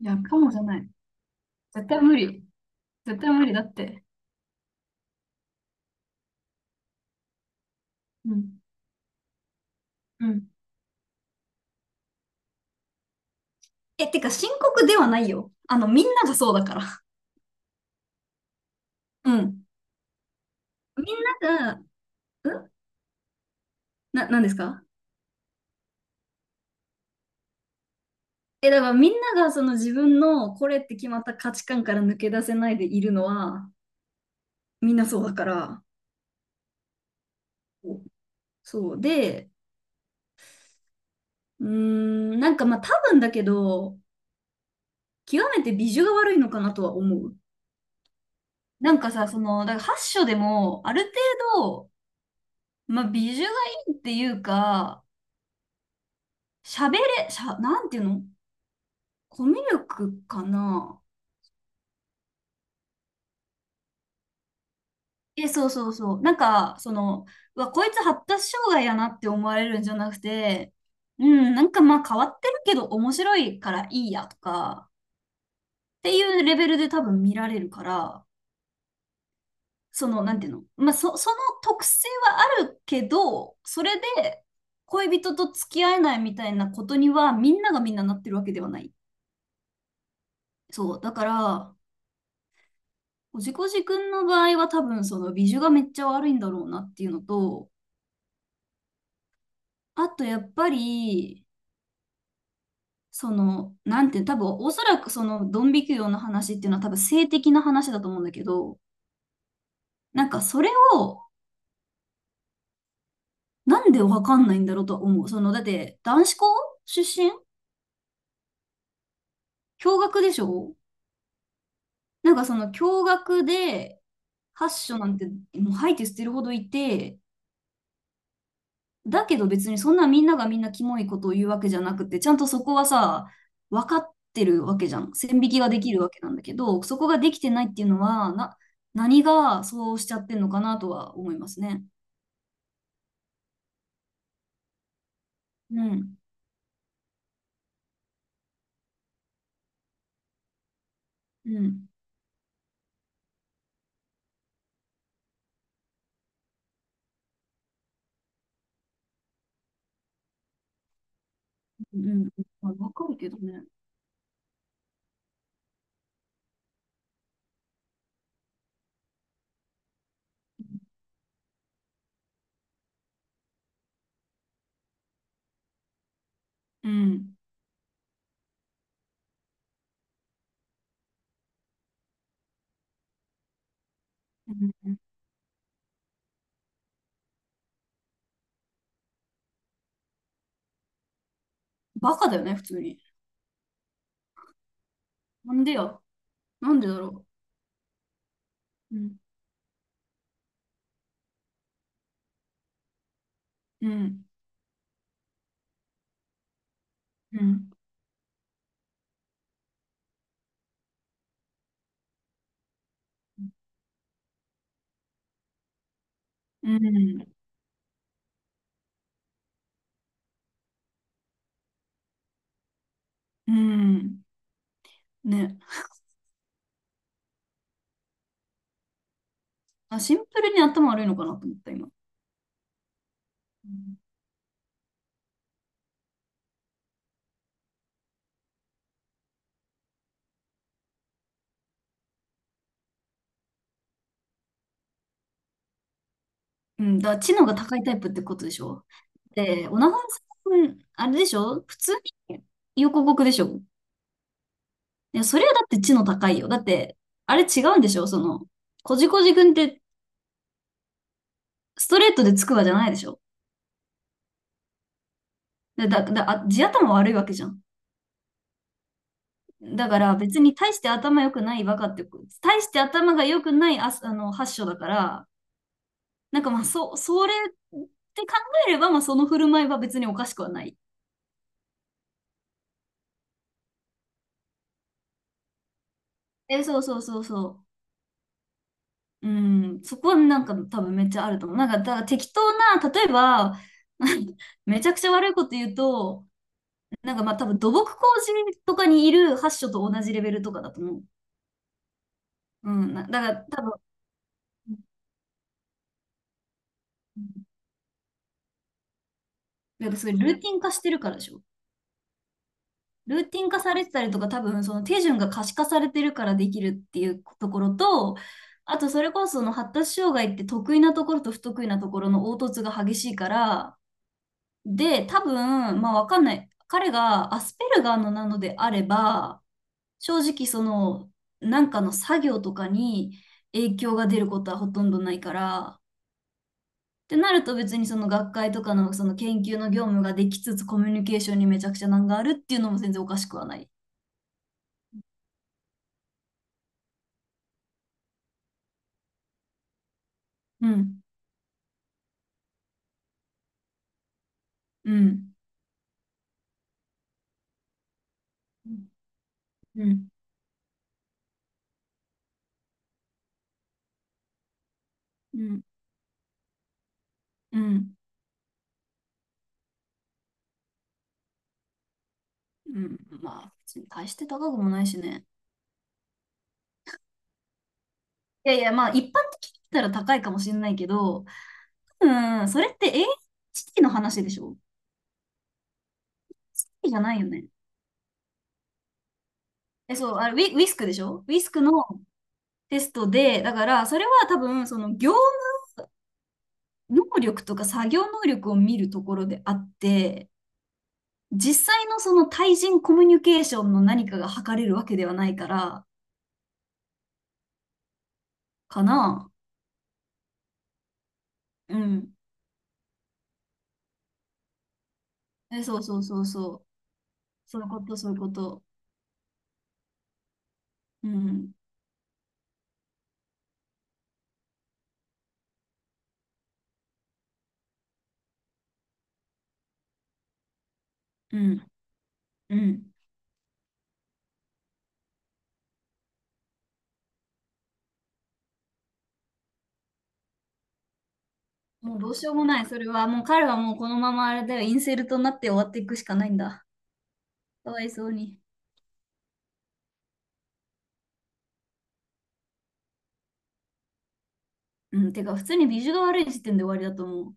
いや、かもじゃない。絶対無理。絶対無理だって。うん。うん。え、てか深刻ではないよ。みんながそうだから。うん。みんなが、うん。なんですか？え、だからみんながその自分のこれって決まった価値観から抜け出せないでいるのは、みんなそうだから。そう。で、なんかまあ多分だけど、極めて美女が悪いのかなとは思う。なんかさ、その、だから8章でも、ある程度、まあ、美女がいいっていうか、喋れ、しゃ、なんていうの？コミュ力かな？え、そうそうそう。なんか、その、うわ、こいつ発達障害やなって思われるんじゃなくて、うん、なんかまあ変わってるけど面白いからいいやとか、っていうレベルで多分見られるから、その、なんていうの？まあ、その特性はあるけど、それで恋人と付き合えないみたいなことには、みんながみんななってるわけではない。そう。だから、おじこじくんの場合は多分その美女がめっちゃ悪いんだろうなっていうのと、あとやっぱり、その、なんていう、多分おそらくそのドン引き業の話っていうのは多分性的な話だと思うんだけど、なんかそれをなんでわかんないんだろうとは思う。その、だって男子校出身、共学でしょ？なんかその共学で、発所なんてもう吐いて捨てるほどいて、だけど別にそんなみんながみんなキモいことを言うわけじゃなくて、ちゃんとそこはさ、分かってるわけじゃん。線引きができるわけなんだけど、そこができてないっていうのは、何がそうしちゃってんのかなとは思いますね。うん。うん。うん。まあ、わかるけどね。うん。うん。バカだよね、普通に。なんでや。なんでだろう。うん。うん。うん。うん。うん。ね。あ、シンプルに頭悪いのかなと思った、今。うん。うん、だから知能が高いタイプってことでしょ？で、オナホンさん、あれでしょ普通に横国でしょ？いや、それはだって知能高いよ。だって、あれ違うんでしょその、こじこじくんってストレートでつくばじゃないでしょ？だ、でだ、だ、あ地頭悪いわけじゃん。だから別に大して頭良くないバカってこ、大して頭が良くない、発祥だから、なんかまあ、それって考えれば、まあその振る舞いは別におかしくはない。え、そうそうそうそう。うん、そこはなんか多分めっちゃあると思う。なんか、だから適当な、例えば、めちゃくちゃ悪いこと言うと、なんかまあ多分土木工事とかにいる発所と同じレベルとかだと思う。うん、だから多分、だからそれルーティン化してるからでしょ？ルーティン化されてたりとか、多分その手順が可視化されてるからできるっていうところと、あとそれこそその発達障害って得意なところと不得意なところの凹凸が激しいから、で、多分、まあわかんない。彼がアスペルガーのなのであれば、正直その、なんかの作業とかに影響が出ることはほとんどないから、ってなると別にその学会とかのその研究の業務ができつつコミュニケーションにめちゃくちゃ難があるっていうのも全然おかしくはない。うん、うん、うん、うん、うん、うん。まあ、別に大して高くもないしね。いやいや、まあ一般的に言ったら高いかもしれないけど、うん、それって AHT の話でしょ？エーエイチティーじゃないよね？え、そう、あれ、ウィスクでしょ？ウィスクのテストで、だから、それは多分、その業務能力とか作業能力を見るところであって、実際のその対人コミュニケーションの何かが測れるわけではないから、かな。うん。え、そうそうそうそう。そういうこと、そういうこと。うん、うん、うん。もうどうしようもない。それは、もう彼はもうこのままあれだよ、インセルトになって終わっていくしかないんだ。かわいそうに。うん、てか、普通にビジュが悪い時点で終わりだと思う。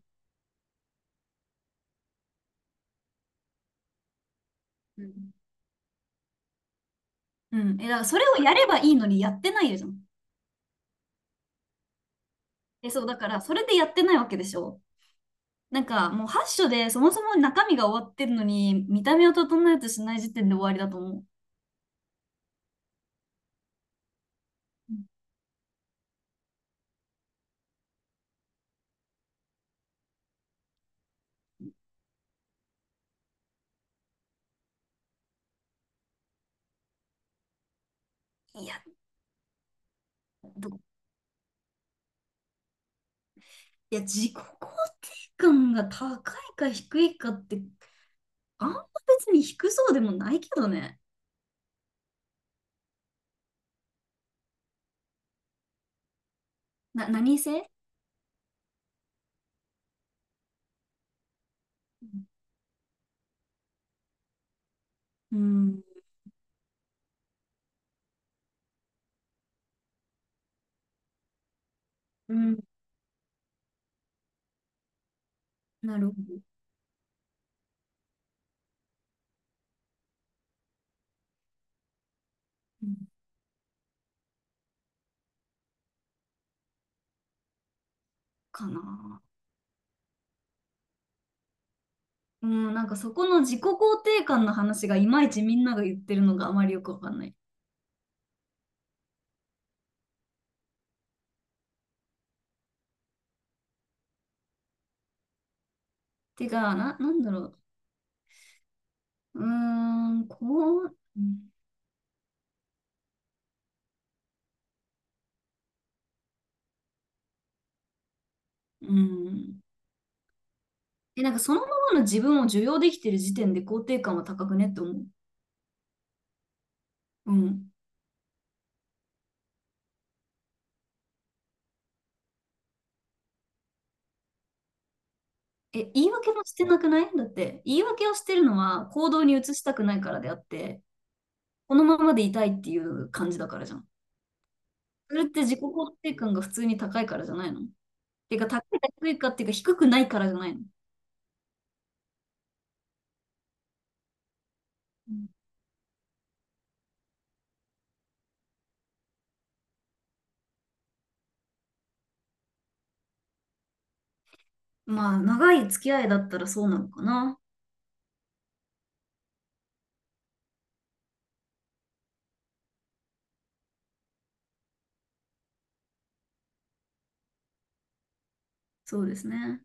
うん。うん。え、だからそれをやればいいのにやってないじゃん。え、そう、だからそれでやってないわけでしょ？なんかもう8章でそもそも中身が終わってるのに見た目を整えようとしない時点で終わりだと思う。う。いや、ど、いや、自己肯定感が高いか低いかって、あんま別に低そうでもないけどね。何性？うん。うん。なるほど。うん。かな。うん、なんかそこの自己肯定感の話がいまいちみんなが言ってるのがあまりよくわかんない。てか、なんだろう。うん。え、なんかそのままの自分を受容できてる時点で肯定感は高くねって思う。うん。え、言い訳もしてなくない？だって、言い訳をしてるのは行動に移したくないからであって、このままでいたいっていう感じだからじゃん。それって自己肯定感が普通に高いからじゃないの？てか、高いか低いかっていうか低くないからじゃないの？うん。まあ、長い付き合いだったらそうなのかな。そうですね。